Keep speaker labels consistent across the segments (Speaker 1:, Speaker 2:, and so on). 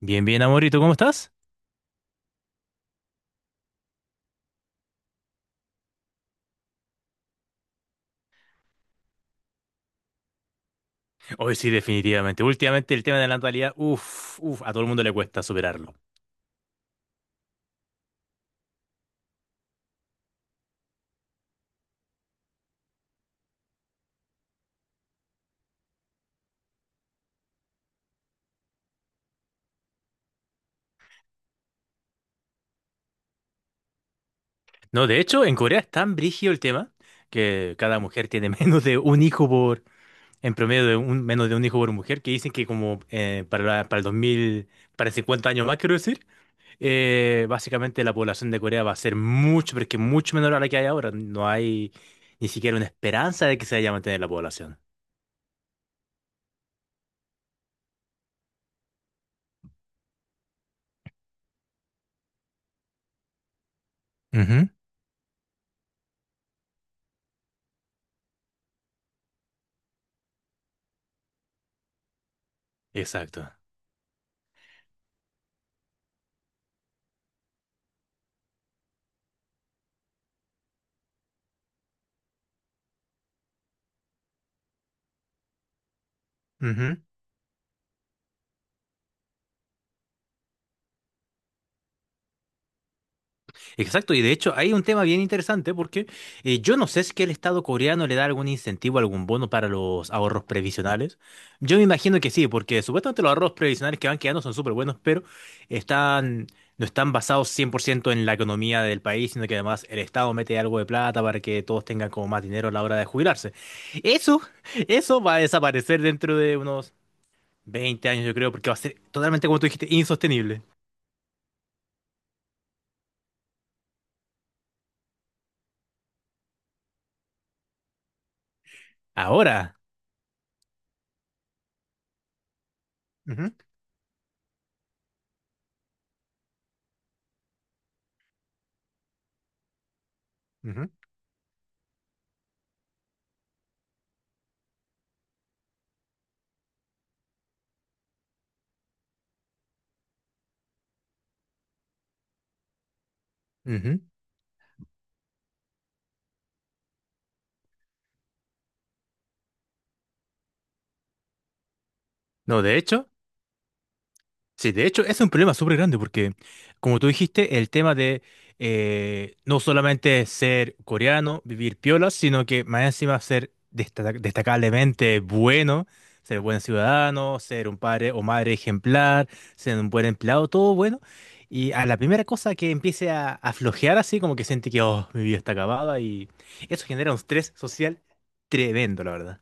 Speaker 1: Bien, bien, amorito, ¿cómo estás? Hoy sí, definitivamente. Últimamente el tema de la natalidad, uff, uff, a todo el mundo le cuesta superarlo. No, de hecho, en Corea es tan brígido el tema que cada mujer tiene menos de un hijo por, en promedio de un, menos de un hijo por mujer, que dicen que como para el 2000, para 50 años más, quiero decir, básicamente la población de Corea va a ser mucho, pero es que mucho menor a la que hay ahora. No hay ni siquiera una esperanza de que se vaya a mantener la población. Ujú. Exacto. Exacto, y de hecho hay un tema bien interesante porque yo no sé si que el Estado coreano le da algún incentivo, algún bono para los ahorros previsionales. Yo me imagino que sí, porque supuestamente los ahorros previsionales que van quedando son súper buenos, pero están, no están basados 100% en la economía del país, sino que además el Estado mete algo de plata para que todos tengan como más dinero a la hora de jubilarse. Eso, eso va a desaparecer dentro de unos 20 años, yo creo, porque va a ser totalmente, como tú dijiste, insostenible. Ahora. Ujú, ujú, ujú. No, de hecho. Sí, de hecho, ese es un problema súper grande porque, como tú dijiste, el tema de no solamente ser coreano, vivir piola, sino que más encima ser destacablemente bueno, ser buen ciudadano, ser un padre o madre ejemplar, ser un buen empleado, todo bueno. Y a la primera cosa que empiece a flojear así, como que siente que, oh, mi vida está acabada y eso genera un estrés social tremendo, la verdad.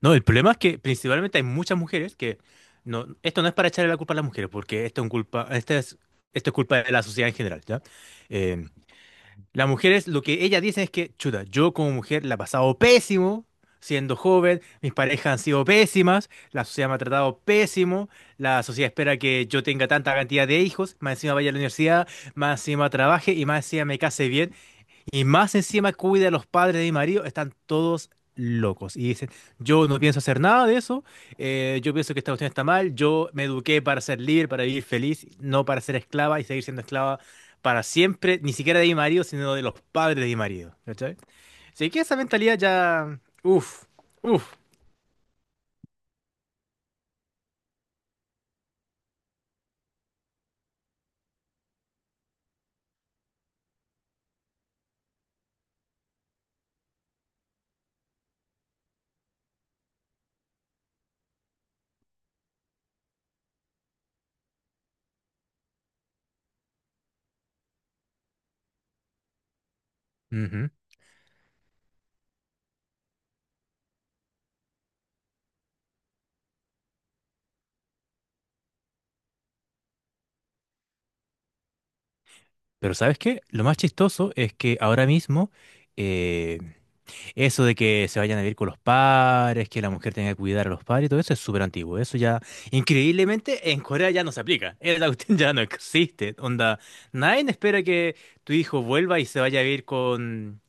Speaker 1: No, el problema es que principalmente hay muchas mujeres que no, esto no es para echarle la culpa a las mujeres, porque esto es un culpa, esta es, esto es culpa de la sociedad en general, ¿ya? Eh, las mujeres, lo que ellas dicen es que, chuta, yo como mujer la he pasado pésimo siendo joven, mis parejas han sido pésimas, la sociedad me ha tratado pésimo, la sociedad espera que yo tenga tanta cantidad de hijos, más encima vaya a la universidad, más encima trabaje y más encima me case bien, y más encima cuida a los padres de mi marido, están todos locos. Y dicen, yo no pienso hacer nada de eso, yo pienso que esta cuestión está mal, yo me eduqué para ser libre, para vivir feliz, no para ser esclava y seguir siendo esclava para siempre, ni siquiera de mi marido, sino de los padres de mi marido. ¿Cachai? Así que esa mentalidad ya... Uf, uf. Ujú. Pero ¿sabes qué? Lo más chistoso es que ahora mismo... eh, Eso de que se vayan a vivir con los padres, que la mujer tenga que cuidar a los padres, todo eso es súper antiguo. Eso ya, increíblemente, en Corea ya no se aplica. La cuestión ya no existe. Onda, nadie espera que tu hijo vuelva y se vaya a vivir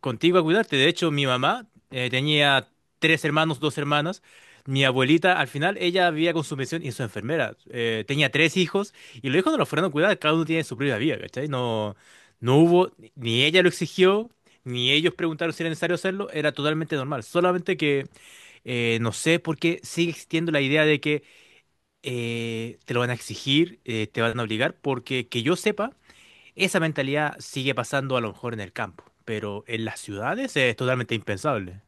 Speaker 1: contigo a cuidarte. De hecho, mi mamá tenía tres hermanos, dos hermanas. Mi abuelita, al final, ella vivía con su pensión y su enfermera. Tenía tres hijos y los hijos no los fueron a cuidar, cada uno tiene su propia vida, ¿cachai? No, no hubo, ni ella lo exigió, ni ellos preguntaron si era necesario hacerlo, era totalmente normal. Solamente que no sé por qué sigue existiendo la idea de que te lo van a exigir, te van a obligar, porque que yo sepa, esa mentalidad sigue pasando a lo mejor en el campo, pero en las ciudades es totalmente impensable.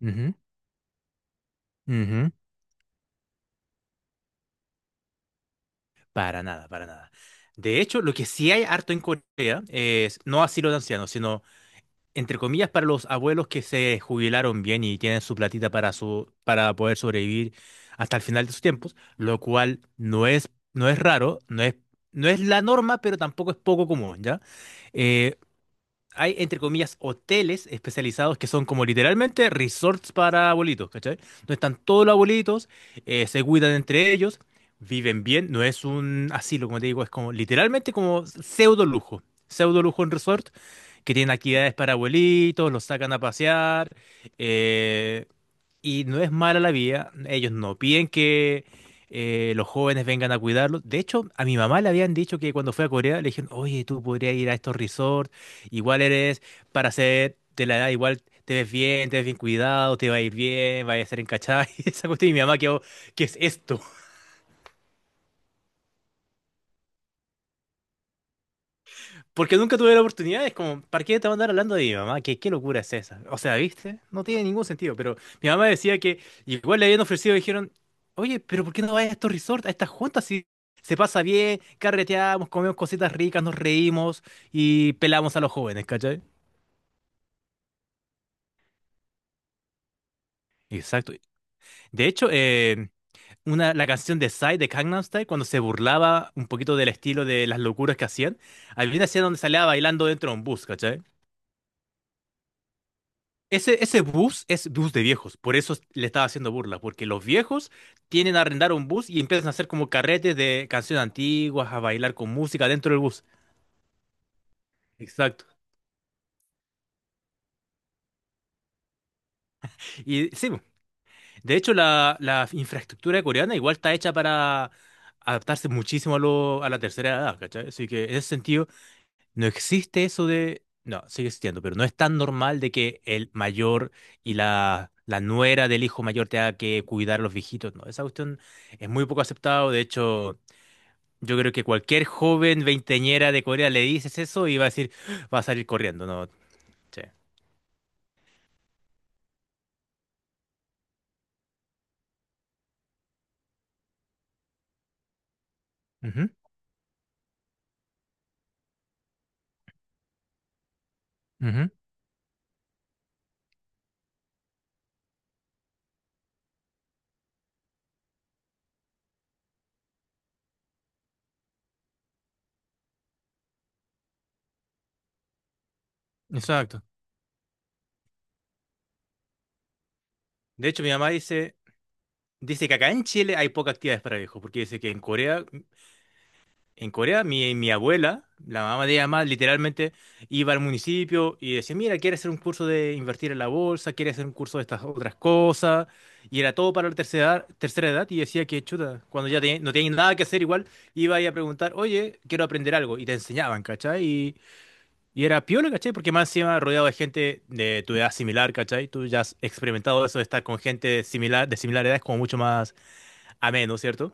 Speaker 1: Ujú, ujú. Para nada, para nada. De hecho, lo que sí hay harto en Corea es no asilo de ancianos, sino entre comillas para los abuelos que se jubilaron bien y tienen su platita para su para poder sobrevivir hasta el final de sus tiempos, lo cual no es raro, no es la norma, pero tampoco es poco común, ¿ya? Eh, hay, entre comillas, hoteles especializados que son como literalmente resorts para abuelitos, ¿cachai? Donde están todos los abuelitos, se cuidan entre ellos, viven bien, no es un asilo, como te digo, es como literalmente como pseudo lujo en resort, que tienen actividades para abuelitos, los sacan a pasear, eh, y no es mala la vida, ellos no piden que... los jóvenes vengan a cuidarlos. De hecho, a mi mamá le habían dicho que cuando fue a Corea le dijeron, oye, tú podrías ir a estos resorts. Igual eres para ser de la edad, igual te ves bien cuidado, te va a ir bien, vas a ser encachada y esa cuestión. Y mi mamá quedó, ¿qué es esto? Porque nunca tuve la oportunidad, es como, ¿para qué te van a andar hablando de mi mamá? ¿Qué, qué locura es esa? O sea, ¿viste? No tiene ningún sentido, pero mi mamá decía que igual le habían ofrecido, dijeron, oye, pero ¿por qué no vas a estos resorts, a estas juntas si se pasa bien, carreteamos, comemos cositas ricas, nos reímos y pelamos a los jóvenes, ¿cachai? Exacto. De hecho, una, la canción de Psy de Gangnam Style, cuando se burlaba un poquito del estilo de las locuras que hacían, había una escena donde salía bailando dentro de un bus, ¿cachai? Ese bus es bus de viejos, por eso le estaba haciendo burla, porque los viejos tienen a arrendar un bus y empiezan a hacer como carretes de canciones antiguas, a bailar con música dentro del bus. Exacto. Y sí, de hecho la infraestructura coreana igual está hecha para adaptarse muchísimo a la tercera edad, ¿cachai? Así que en ese sentido... No existe eso de... No, sigue existiendo, pero no es tan normal de que el mayor y la nuera del hijo mayor tenga que cuidar a los viejitos. No, esa cuestión es muy poco aceptado. De hecho, yo creo que cualquier joven veinteñera de Corea le dices eso y va a decir, "Ah, va a salir corriendo, ¿no? Sí. Ujú, ujú, exacto. De hecho, mi mamá dice, dice que acá en Chile hay pocas actividades para viejos, porque dice que en Corea en Corea, mi abuela, la mamá de ella más, literalmente iba al municipio y decía, mira, quiere hacer un curso de invertir en la bolsa, quiere hacer un curso de estas otras cosas, y era todo para la tercera, tercera edad, y decía que chuta, cuando no tenía nada que hacer igual, iba ahí a preguntar, oye, quiero aprender algo, y te enseñaban, ¿cachai? Y era piola, ¿cachai? Porque más encima rodeado de gente de tu edad similar, ¿cachai? Tú ya has experimentado eso de estar con gente similar, de similar edad, es como mucho más ameno, ¿cierto?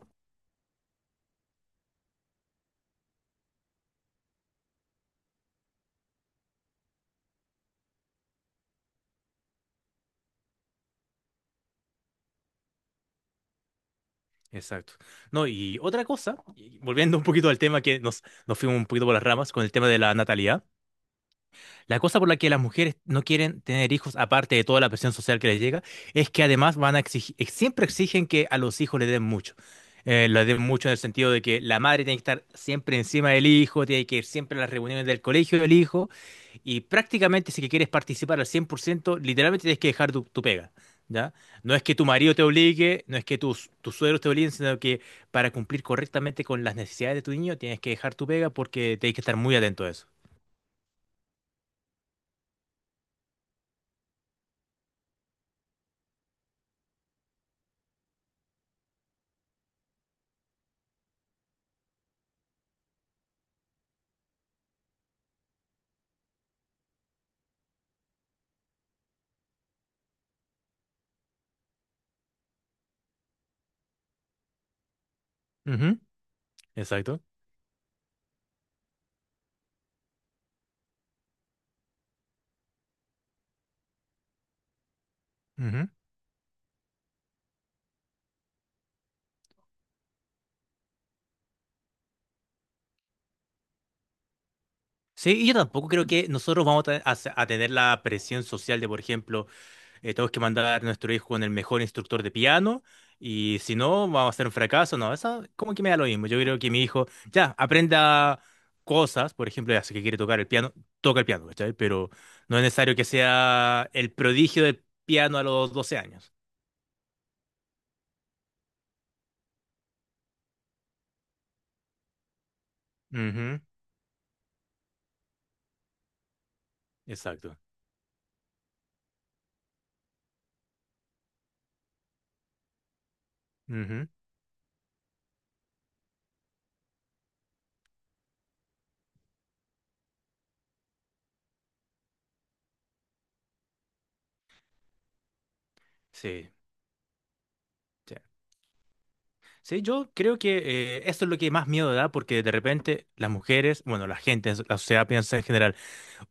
Speaker 1: Exacto. No, y otra cosa, y volviendo un poquito al tema que nos fuimos un poquito por las ramas con el tema de la natalidad, la cosa por la que las mujeres no quieren tener hijos, aparte de toda la presión social que les llega, es que además van a exigir, siempre exigen que a los hijos les den mucho. Les den mucho en el sentido de que la madre tiene que estar siempre encima del hijo, tiene que ir siempre a las reuniones del colegio del hijo, y prácticamente si que quieres participar al 100%, literalmente tienes que dejar tu pega. ¿Ya? No es que tu marido te obligue, no es que tus suegros te obliguen, sino que para cumplir correctamente con las necesidades de tu niño tienes que dejar tu pega porque tienes que estar muy atento a eso. Ujú, exacto. Ujú. Sí, y yo tampoco creo que nosotros vamos a, te- a se- a tener la presión social de, por ejemplo, tenemos que mandar a nuestro hijo con el mejor instructor de piano y si no, vamos a ser un fracaso. No, eso como que me da lo mismo. Yo creo que mi hijo ya aprenda cosas, por ejemplo, ya sé que quiere tocar el piano, toca el piano, ¿cachai? Pero no es necesario que sea el prodigio del piano a los 12 años. Ujú. Exacto. Ujú. Sí. Sí, yo creo que esto es lo que más miedo da, porque de repente las mujeres, bueno, la gente, la sociedad piensa en general,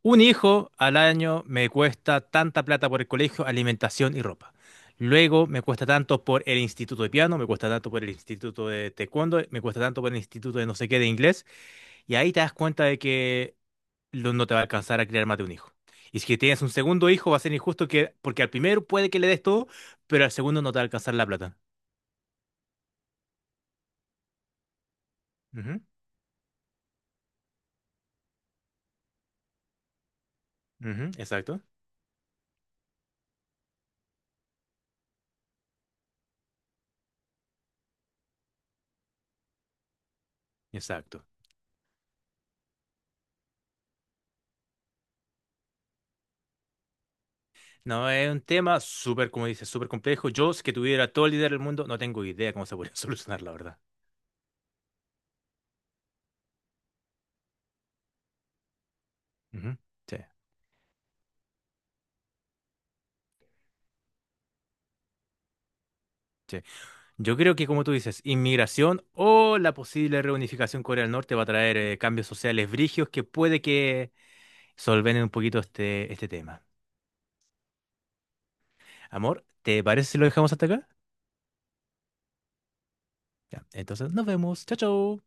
Speaker 1: un hijo al año me cuesta tanta plata por el colegio, alimentación y ropa. Luego me cuesta tanto por el instituto de piano, me cuesta tanto por el instituto de taekwondo, me cuesta tanto por el instituto de no sé qué de inglés, y ahí te das cuenta de que no te va a alcanzar a criar más de un hijo. Y si que tienes un segundo hijo, va a ser injusto que, porque al primero puede que le des todo, pero al segundo no te va a alcanzar la plata. Ujú, ujú, exacto. Exacto. No, es un tema súper, como dices, súper complejo. Yo, si que tuviera todo el dinero del mundo, no tengo idea cómo se podría solucionar, la verdad. Ujú, sí, sí. Yo creo que, como tú dices, inmigración o la posible reunificación Corea del Norte va a traer cambios sociales brigios que puede que solvenen un poquito este tema. Amor, ¿te parece si lo dejamos hasta acá? Ya, entonces nos vemos. Chao, chao.